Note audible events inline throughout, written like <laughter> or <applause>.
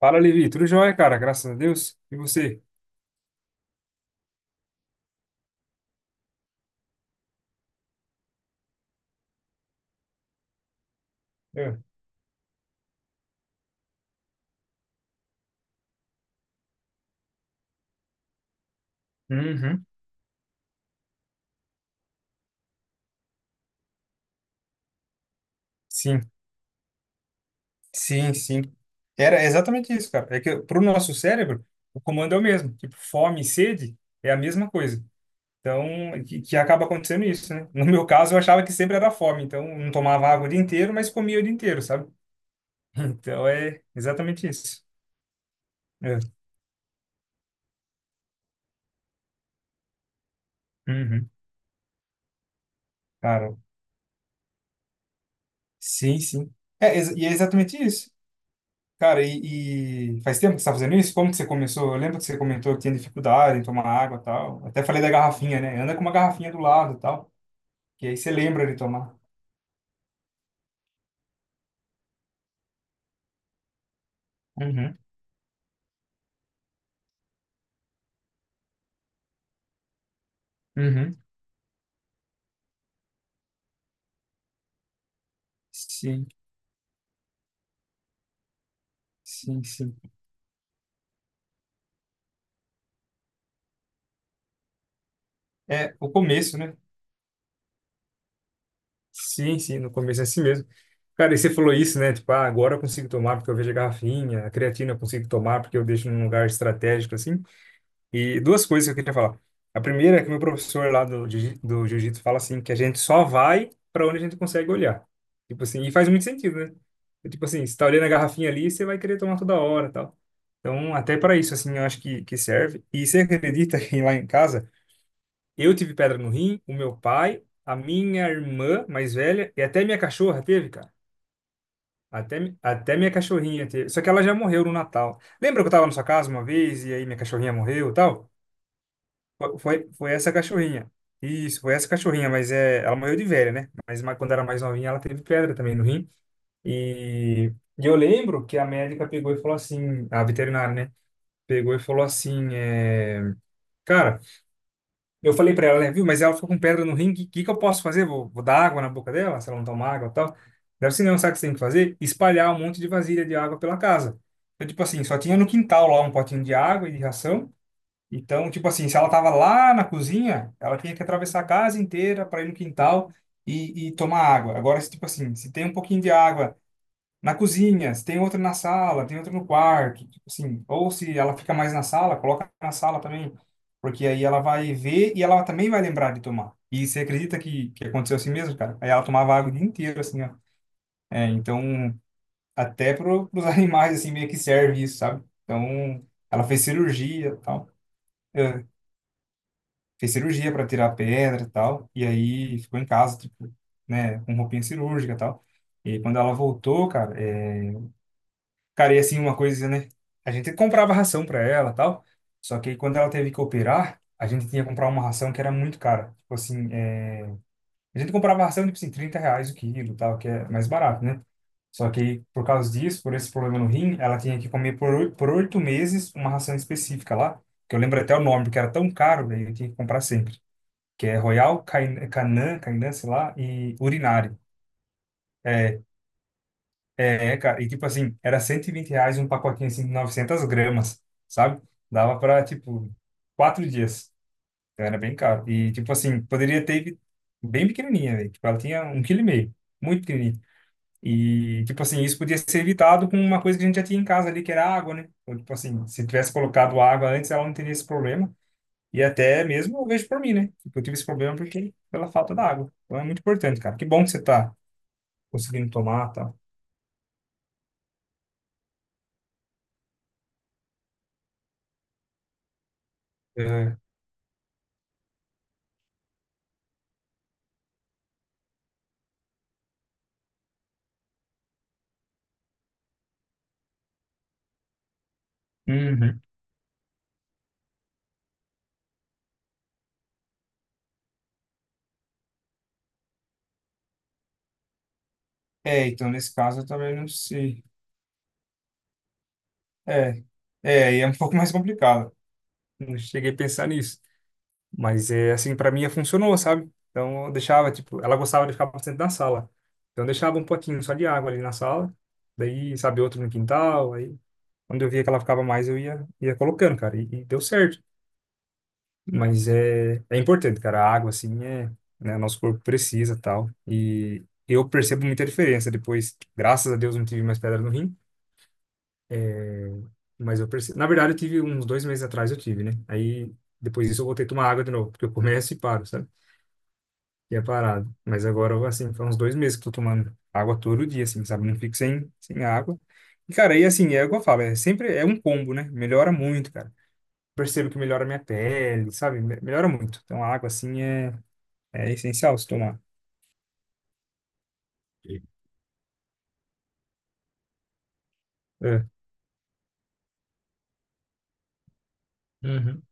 Fala, Levi. Tudo jóia, cara? Graças a Deus. E você? É. Uhum. Sim, sim, sim. Era exatamente isso, cara. É que pro nosso cérebro, o comando é o mesmo. Tipo, fome e sede é a mesma coisa. Então, que acaba acontecendo isso, né? No meu caso, eu achava que sempre era fome. Então, eu não tomava água o dia inteiro, mas comia o dia inteiro, sabe? <laughs> Então, é exatamente isso. É. Uhum. Cara, sim, sim. É, e é exatamente isso. Cara, e faz tempo que você tá fazendo isso? Como que você começou? Eu lembro que você comentou que tinha dificuldade em tomar água e tal. Até falei da garrafinha, né? Anda com uma garrafinha do lado e tal, que aí você lembra de tomar. Uhum, uhum. Sim, sim, sim. É, o começo, né? Sim, sim, no começo é assim mesmo. Cara, e você falou isso, né? Tipo, ah, agora eu consigo tomar porque eu vejo a garrafinha, a creatina eu consigo tomar porque eu deixo num lugar estratégico, assim. E duas coisas que eu queria falar. A primeira é que meu professor lá do jiu-jitsu fala assim, que a gente só vai para onde a gente consegue olhar. Tipo assim, e faz muito sentido, né? É tipo assim, você tá olhando a garrafinha ali, você vai querer tomar toda hora, e tal. Então, até para isso assim, eu acho que serve. E você acredita que lá em casa eu tive pedra no rim, o meu pai, a minha irmã mais velha e até minha cachorra teve, cara. Até minha cachorrinha teve. Só que ela já morreu no Natal. Lembra que eu tava na sua casa uma vez e aí minha cachorrinha morreu e tal? Foi essa cachorrinha. Isso, foi essa cachorrinha, mas é, ela morreu de velha, né? Mas quando era mais novinha, ela teve pedra também no rim. E eu lembro que a médica pegou e falou assim, a veterinária, né? Pegou e falou assim, é, cara, eu falei pra ela, né? Viu, mas ela ficou com pedra no rim, o que que eu posso fazer? Vou dar água na boca dela, se ela não tomar água e tal. Deve ser não, sabe o que você tem que fazer? Espalhar um monte de vasilha de água pela casa. Então, tipo assim, só tinha no quintal lá um potinho de água e de ração. Então, tipo assim, se ela tava lá na cozinha, ela tinha que atravessar a casa inteira para ir no quintal e tomar água. Agora, se, tipo assim, se tem um pouquinho de água na cozinha, se tem outra na sala, tem outra no quarto, tipo assim, ou se ela fica mais na sala, coloca na sala também, porque aí ela vai ver e ela também vai lembrar de tomar. E você acredita que aconteceu assim mesmo, cara? Aí ela tomava água o dia inteiro, assim, ó. É, então, até para os <laughs> animais, assim, meio que serve isso, sabe? Então, ela fez cirurgia e tal. Fez cirurgia para tirar a pedra e tal, e aí ficou em casa, tipo, né, com roupinha cirúrgica e tal. E aí, quando ela voltou, cara, e assim, uma coisa, né, a gente comprava ração para ela e tal, só que aí quando ela teve que operar, a gente tinha que comprar uma ração que era muito cara, tipo assim, a gente comprava ração, tipo assim, R$ 30 o quilo e tal, que é mais barato, né? Só que aí, por causa disso, por esse problema no rim, ela tinha que comer por 8 meses uma ração específica lá, que eu lembro até o nome, porque era tão caro, velho, eu tinha que comprar sempre que é Royal Canin, sei lá, e Urinário. É, é, cara, e tipo assim, era R$ 120 um pacotinho assim de 900 gramas, sabe? Dava pra, tipo, 4 dias. Então era bem caro. E, tipo assim, poderia ter bem pequenininha, velho. Tipo, ela tinha um quilo e meio, muito pequenininha. E, tipo assim, isso podia ser evitado com uma coisa que a gente já tinha em casa ali, que era água, né? Então, tipo assim, se tivesse colocado água antes, ela não teria esse problema. E até mesmo eu vejo por mim, né? Tipo, eu tive esse problema porque pela falta da água. Então é muito importante, cara. Que bom que você tá conseguindo tomar, tá? É. Uhum. É, então nesse caso eu também não sei. É, é um <laughs> pouco mais complicado. Não cheguei a pensar nisso. Mas é assim, pra mim funcionou, sabe? Então eu deixava, tipo, ela gostava de ficar bastante na sala. Então eu deixava um potinho só de água ali na sala. Daí, sabe, outro no quintal. Aí, quando eu via que ela ficava mais, eu ia colocando, cara. E deu certo. Mas é importante, cara. A água, assim, é, né, nosso corpo precisa tal. E eu percebo muita diferença depois. Graças a Deus não tive mais pedra no rim. É, mas eu percebo. Na verdade, eu tive uns 2 meses atrás, eu tive, né? Aí depois disso eu voltei a tomar água de novo, porque eu começo e paro, sabe? E é parado. Mas agora, assim, faz uns 2 meses que eu tô tomando água todo dia, assim, sabe? Não fico sem água. E, cara, aí assim, é o que eu falo, é sempre é um combo, né? Melhora muito, cara. Percebo que melhora a minha pele, sabe? Melhora muito. Então, a água, assim, é. É essencial se tomar. É. Uhum,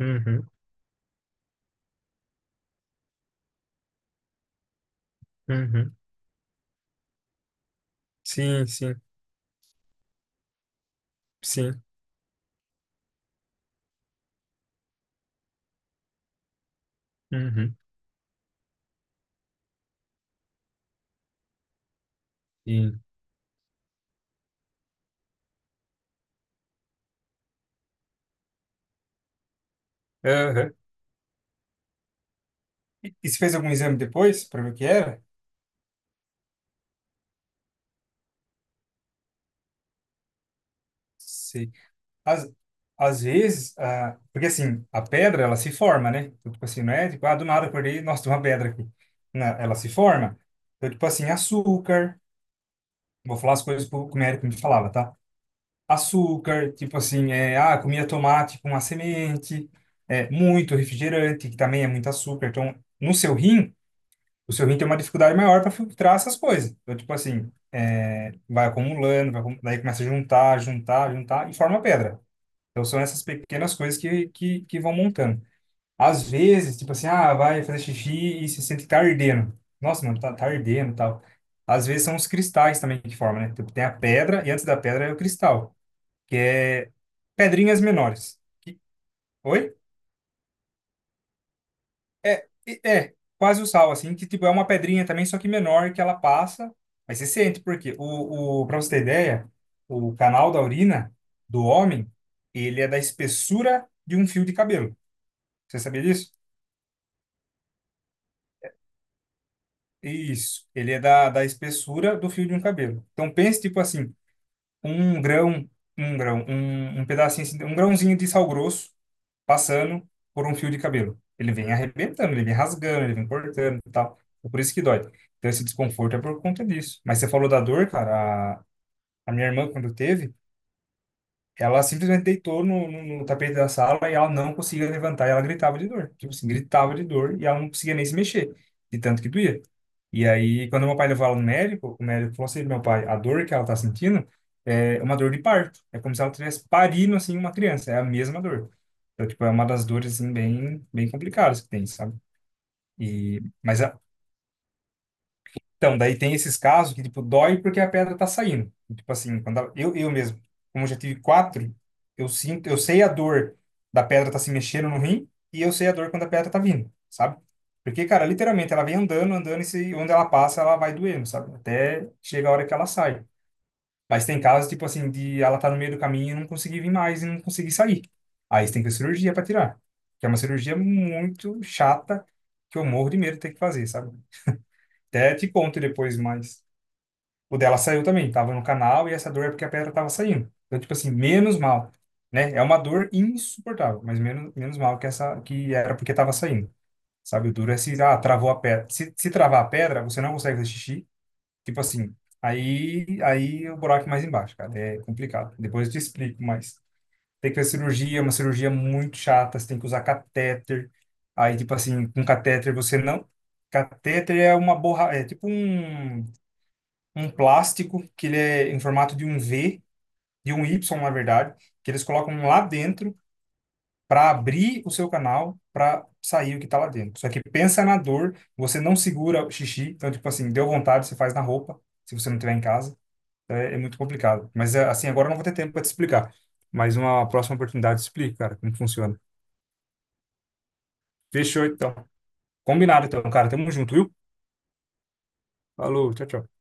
uhum, uhum. Sim, sim, sim. Uhum, sim. Aham. E você fez algum exame depois para ver o que era? Sim. Às, às vezes, ah, porque assim, a pedra, ela se forma, né? Então, tipo assim, não é tipo, ah, do nada acordei, nossa, tem uma pedra aqui. Não, ela se forma. Então, tipo assim, açúcar, vou falar as coisas que o médico me falava, tá? Açúcar, tipo assim, é, ah, comia tomate com a semente, é, muito refrigerante, que também é muito açúcar. Então, no seu rim, o seu rim tem uma dificuldade maior para filtrar essas coisas. Então, tipo assim, é, vai acumulando, daí começa a juntar, juntar, juntar e forma pedra. Então, são essas pequenas coisas que vão montando. Às vezes, tipo assim, ah, vai fazer xixi e se sente que tá ardendo. Nossa, mano, tá ardendo e tal. Às vezes são os cristais também que formam, né? Tipo, tem a pedra e antes da pedra é o cristal que é pedrinhas menores. Oi? É, é, quase o sal, assim, que tipo é uma pedrinha também, só que menor, que ela passa, mas você sente, porque pra você ter ideia, o canal da urina do homem, ele é da espessura de um fio de cabelo. Você sabia disso? Isso, ele é da, espessura do fio de um cabelo. Então pense, tipo assim, um grão, um grão, um pedacinho, assim, um grãozinho de sal grosso passando por um fio de cabelo. Ele vem arrebentando, ele vem rasgando, ele vem cortando e tal. É por isso que dói. Então, esse desconforto é por conta disso. Mas você falou da dor, cara. A minha irmã, quando teve, ela simplesmente deitou no tapete da sala e ela não conseguia levantar e ela gritava de dor. Tipo assim, gritava de dor e ela não conseguia nem se mexer, de tanto que doía. E aí, quando meu pai levou ela no médico, o médico falou assim, meu pai, a dor que ela tá sentindo é uma dor de parto. É como se ela tivesse parindo, assim, uma criança. É a mesma dor. Então, tipo, é uma das dores, assim, bem, bem complicadas que tem, sabe? E, mas a, então, daí tem esses casos que, tipo, dói porque a pedra tá saindo. E, tipo assim, quando eu mesmo, como eu já tive quatro, eu sinto, eu sei a dor da pedra tá se mexendo no rim e eu sei a dor quando a pedra tá vindo, sabe? Porque, cara, literalmente ela vem andando, andando e se, onde ela passa ela vai doendo, sabe? Até chega a hora que ela sai. Mas tem casos, tipo assim, de ela tá no meio do caminho e não conseguir vir mais e não conseguir sair. Aí você tem que fazer cirurgia pra tirar. Que é uma cirurgia muito chata que eu morro de medo de ter que fazer, sabe? Até te conto depois mais. O dela saiu também, tava no canal e essa dor é porque a pedra tava saindo. Então, tipo assim, menos mal, né? É uma dor insuportável, mas menos, menos mal que essa que era porque tava saindo. Sabe, o duro é se ah, travou a pedra. Se travar a pedra, você não consegue fazer xixi. Tipo assim, aí o buraco é mais embaixo, cara. É complicado. Depois eu te explico, mas tem que fazer cirurgia, é uma cirurgia muito chata, você tem que usar catéter. Aí, tipo assim, com catéter você não. Catéter é uma borra, é tipo um plástico que ele é em formato de um V, de um Y, na verdade, que eles colocam lá dentro para abrir o seu canal para sair o que está lá dentro. Só que pensa na dor, você não segura o xixi, então, tipo assim, deu vontade, você faz na roupa, se você não tiver em casa. Então, é muito complicado. Mas, é, assim, agora eu não vou ter tempo para te explicar. Mas uma próxima oportunidade te explico, cara, como funciona. Fechou, então. Combinado, então, cara. Tamo junto, viu? Falou, tchau, tchau.